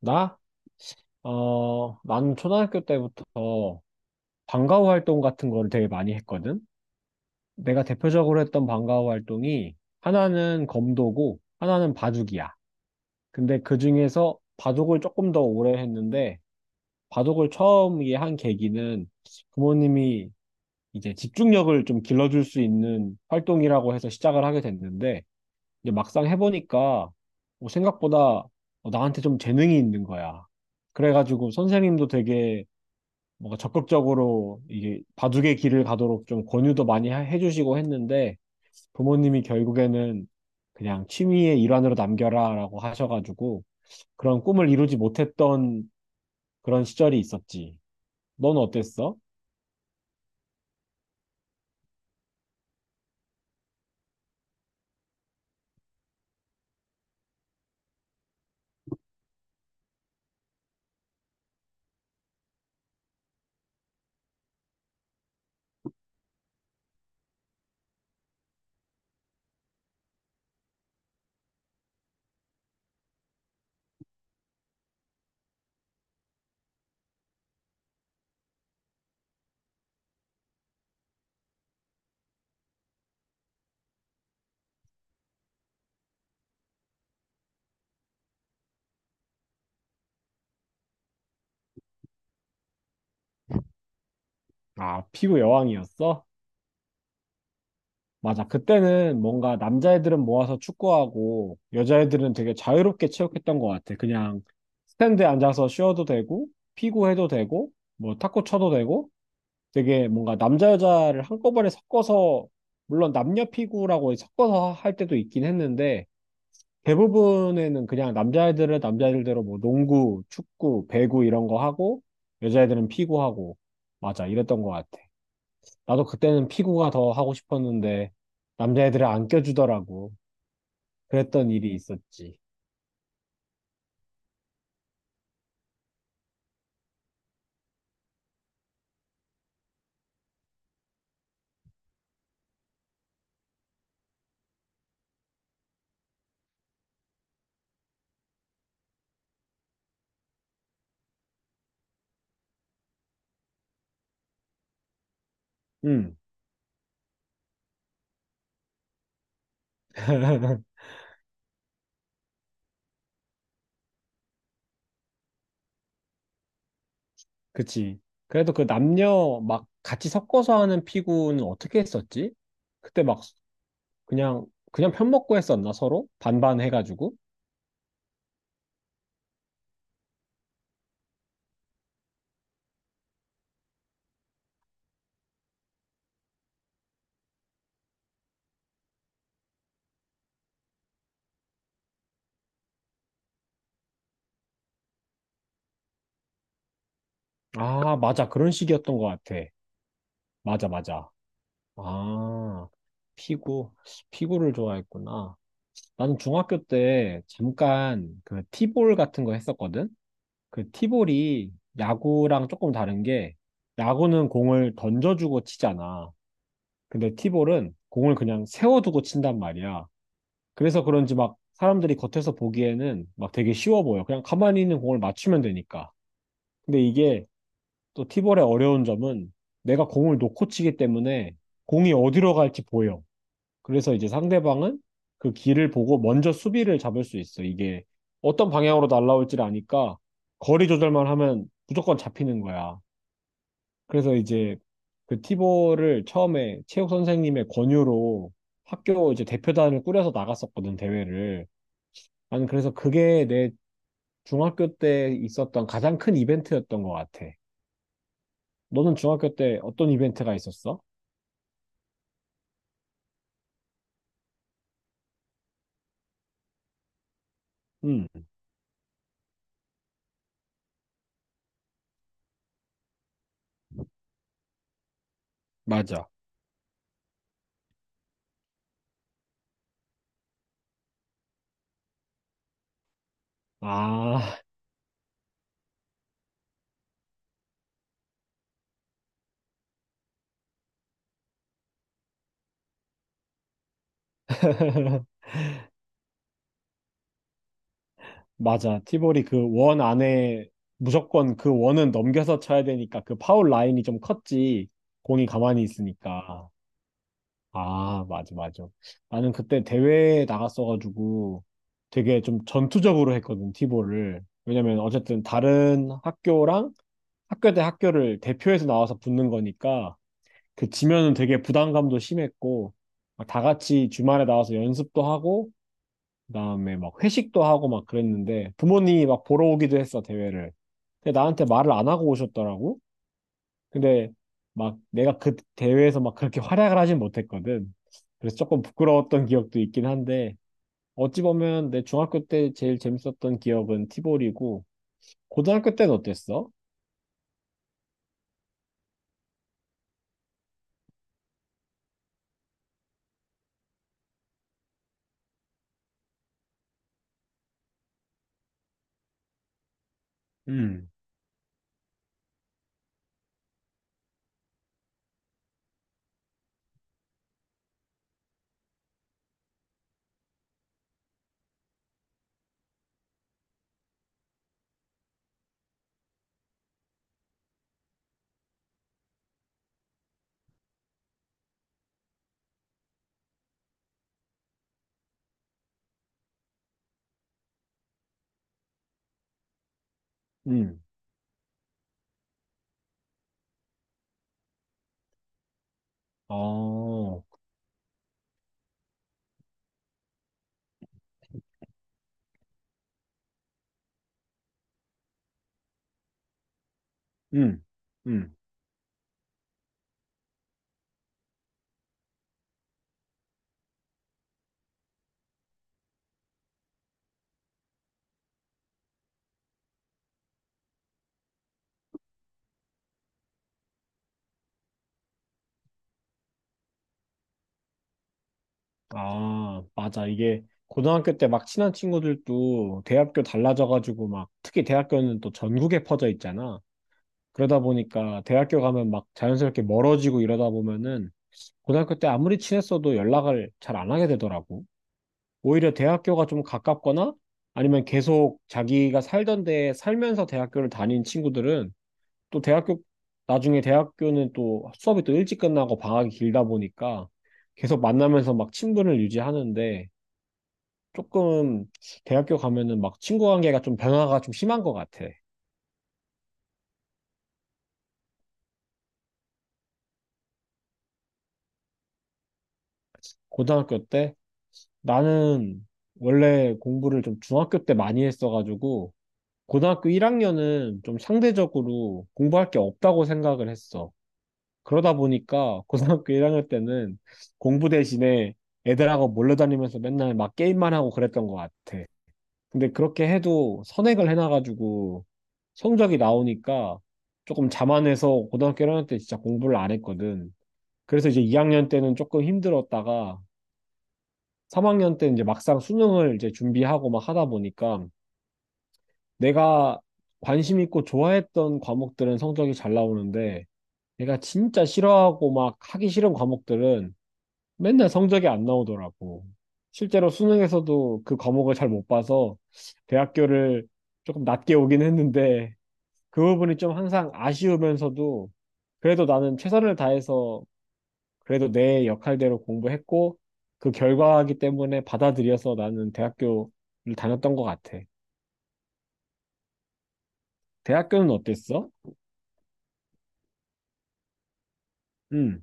나? 나는 초등학교 때부터 방과후 활동 같은 거를 되게 많이 했거든? 내가 대표적으로 했던 방과후 활동이 하나는 검도고 하나는 바둑이야. 근데 그 중에서 바둑을 조금 더 오래 했는데 바둑을 처음에 한 계기는 부모님이 이제 집중력을 좀 길러줄 수 있는 활동이라고 해서 시작을 하게 됐는데 이제 막상 해보니까 뭐 생각보다 나한테 좀 재능이 있는 거야. 그래가지고 선생님도 되게 뭔가 적극적으로 이게 바둑의 길을 가도록 좀 권유도 많이 해주시고 했는데 부모님이 결국에는 그냥 취미의 일환으로 남겨라라고 하셔가지고 그런 꿈을 이루지 못했던 그런 시절이 있었지. 넌 어땠어? 아, 피구 여왕이었어? 맞아. 그때는 뭔가 남자애들은 모아서 축구하고 여자애들은 되게 자유롭게 체육했던 것 같아. 그냥 스탠드에 앉아서 쉬어도 되고 피구해도 되고 뭐 탁구 쳐도 되고 되게 뭔가 남자 여자를 한꺼번에 섞어서 물론 남녀 피구라고 섞어서 할 때도 있긴 했는데 대부분에는 그냥 남자애들은 남자애들대로 뭐 농구, 축구, 배구 이런 거 하고 여자애들은 피구하고 맞아 이랬던 것 같아. 나도 그때는 피구가 더 하고 싶었는데 남자애들을 안 껴주더라고. 그랬던 일이 있었지. 음. 그치. 그래도 그 남녀 막 같이 섞어서 하는 피구는 어떻게 했었지? 그때 막 그냥 그냥 편먹고 했었나 서로? 반반 해가지고? 아, 맞아. 그런 식이었던 것 같아. 맞아, 맞아. 아, 피구. 피구를 좋아했구나. 나는 중학교 때 잠깐 그 티볼 같은 거 했었거든? 그 티볼이 야구랑 조금 다른 게 야구는 공을 던져주고 치잖아. 근데 티볼은 공을 그냥 세워두고 친단 말이야. 그래서 그런지 막 사람들이 겉에서 보기에는 막 되게 쉬워 보여. 그냥 가만히 있는 공을 맞추면 되니까. 근데 이게 또 티볼의 어려운 점은 내가 공을 놓고 치기 때문에 공이 어디로 갈지 보여. 그래서 이제 상대방은 그 길을 보고 먼저 수비를 잡을 수 있어. 이게 어떤 방향으로 날아올지를 아니까 거리 조절만 하면 무조건 잡히는 거야. 그래서 이제 그 티볼을 처음에 체육 선생님의 권유로 학교 이제 대표단을 꾸려서 나갔었거든, 대회를. 나는 그래서 그게 내 중학교 때 있었던 가장 큰 이벤트였던 것 같아. 너는 중학교 때 어떤 이벤트가 있었어? 음, 맞아. 아, 맞아. 티볼이 그 원 안에 무조건 그 원은 넘겨서 쳐야 되니까 그 파울 라인이 좀 컸지. 공이 가만히 있으니까. 아, 맞아, 맞아. 나는 그때 대회에 나갔어가지고 되게 좀 전투적으로 했거든, 티볼을. 왜냐면 어쨌든 다른 학교랑 학교 대 학교를 대표해서 나와서 붙는 거니까 그 지면은 되게 부담감도 심했고 막 다 같이 주말에 나와서 연습도 하고 그다음에 막 회식도 하고 막 그랬는데 부모님이 막 보러 오기도 했어 대회를. 근데 나한테 말을 안 하고 오셨더라고. 근데 막 내가 그 대회에서 막 그렇게 활약을 하진 못했거든. 그래서 조금 부끄러웠던 기억도 있긴 한데 어찌 보면 내 중학교 때 제일 재밌었던 기억은 티볼이고 고등학교 때는 어땠어? 음. 음. 어. 음. 음. 아, 맞아. 이게 고등학교 때 막 친한 친구들도 대학교 달라져가지고 막 특히 대학교는 또 전국에 퍼져 있잖아. 그러다 보니까 대학교 가면 막 자연스럽게 멀어지고 이러다 보면은 고등학교 때 아무리 친했어도 연락을 잘 안 하게 되더라고. 오히려 대학교가 좀 가깝거나 아니면 계속 자기가 살던 데에 살면서 대학교를 다닌 친구들은 또 대학교, 나중에 대학교는 또 수업이 또 일찍 끝나고 방학이 길다 보니까 계속 만나면서 막 친분을 유지하는데 조금 대학교 가면은 막 친구 관계가 좀 변화가 좀 심한 것 같아. 고등학교 때 나는 원래 공부를 좀 중학교 때 많이 했어가지고 고등학교 1학년은 좀 상대적으로 공부할 게 없다고 생각을 했어. 그러다 보니까 고등학교 1학년 때는 공부 대신에 애들하고 몰려다니면서 맨날 막 게임만 하고 그랬던 것 같아. 근데 그렇게 해도 선행을 해놔가지고 성적이 나오니까 조금 자만해서 고등학교 1학년 때 진짜 공부를 안 했거든. 그래서 이제 2학년 때는 조금 힘들었다가 3학년 때는 이제 막상 수능을 이제 준비하고 막 하다 보니까 내가 관심 있고 좋아했던 과목들은 성적이 잘 나오는데 내가 진짜 싫어하고 막 하기 싫은 과목들은 맨날 성적이 안 나오더라고. 실제로 수능에서도 그 과목을 잘 못 봐서 대학교를 조금 낮게 오긴 했는데 그 부분이 좀 항상 아쉬우면서도 그래도 나는 최선을 다해서 그래도 내 역할대로 공부했고 그 결과이기 때문에 받아들여서 나는 대학교를 다녔던 것 같아. 대학교는 어땠어? 응.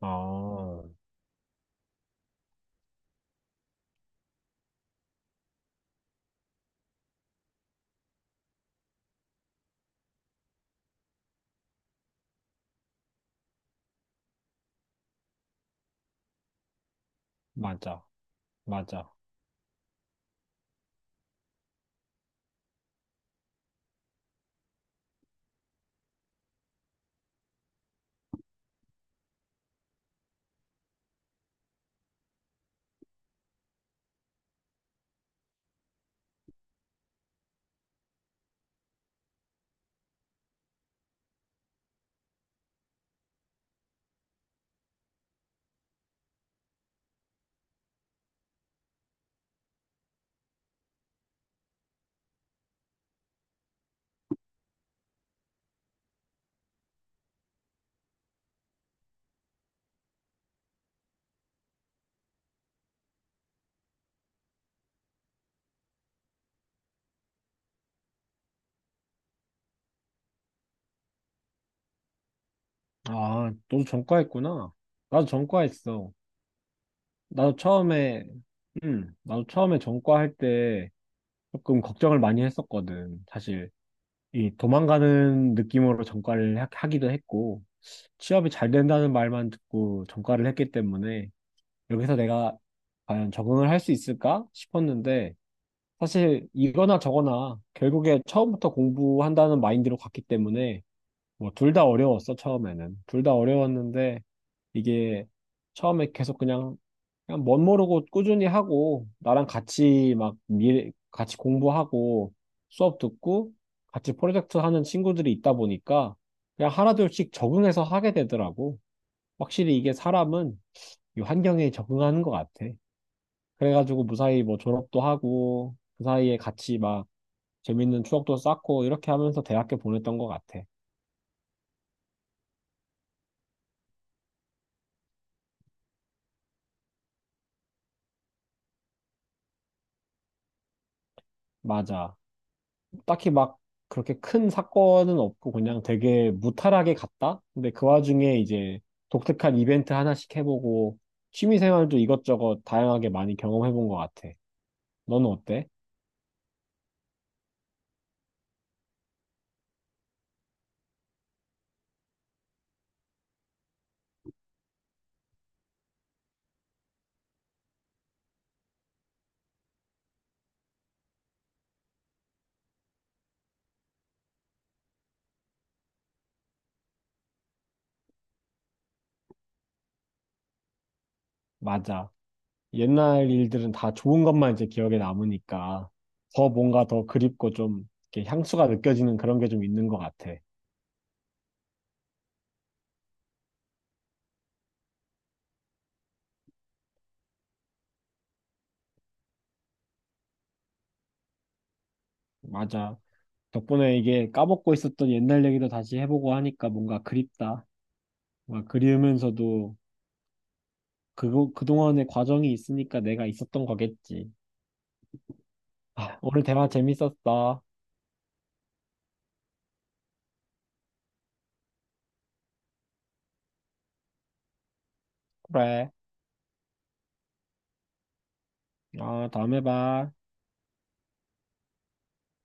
아, 맞아. 맞아. 아, 너도 전과했구나. 나도 전과했어. 나도 처음에, 응, 나도 처음에 전과할 때 조금 걱정을 많이 했었거든. 사실, 이 도망가는 느낌으로 전과를 하기도 했고, 취업이 잘 된다는 말만 듣고 전과를 했기 때문에 여기서 내가 과연 적응을 할 수 있을까 싶었는데 사실 이거나 저거나 결국에 처음부터 공부한다는 마인드로 갔기 때문에 뭐 둘 다 어려웠어 처음에는 둘 다 어려웠는데 이게 처음에 계속 그냥 멋 모르고 꾸준히 하고 나랑 같이 막 미래 같이 공부하고 수업 듣고 같이 프로젝트 하는 친구들이 있다 보니까 그냥 하나둘씩 적응해서 하게 되더라고 확실히 이게 사람은 이 환경에 적응하는 것 같아. 그래가지고 무사히 뭐 졸업도 하고 그 사이에 같이 막 재밌는 추억도 쌓고 이렇게 하면서 대학교 보냈던 것 같아. 맞아. 딱히 막 그렇게 큰 사건은 없고 그냥 되게 무탈하게 갔다? 근데 그 와중에 이제 독특한 이벤트 하나씩 해보고 취미생활도 이것저것 다양하게 많이 경험해본 것 같아. 너는 어때? 맞아. 옛날 일들은 다 좋은 것만 이제 기억에 남으니까 더 뭔가 더 그립고 좀 이렇게 향수가 느껴지는 그런 게 좀 있는 것 같아. 맞아. 덕분에 이게 까먹고 있었던 옛날 얘기도 다시 해보고 하니까 뭔가 그립다. 뭔가 그리우면서도 그거, 그동안의 과정이 있으니까 내가 있었던 거겠지. 아, 오늘 대화 재밌었어. 그래. 아, 다음에 봐.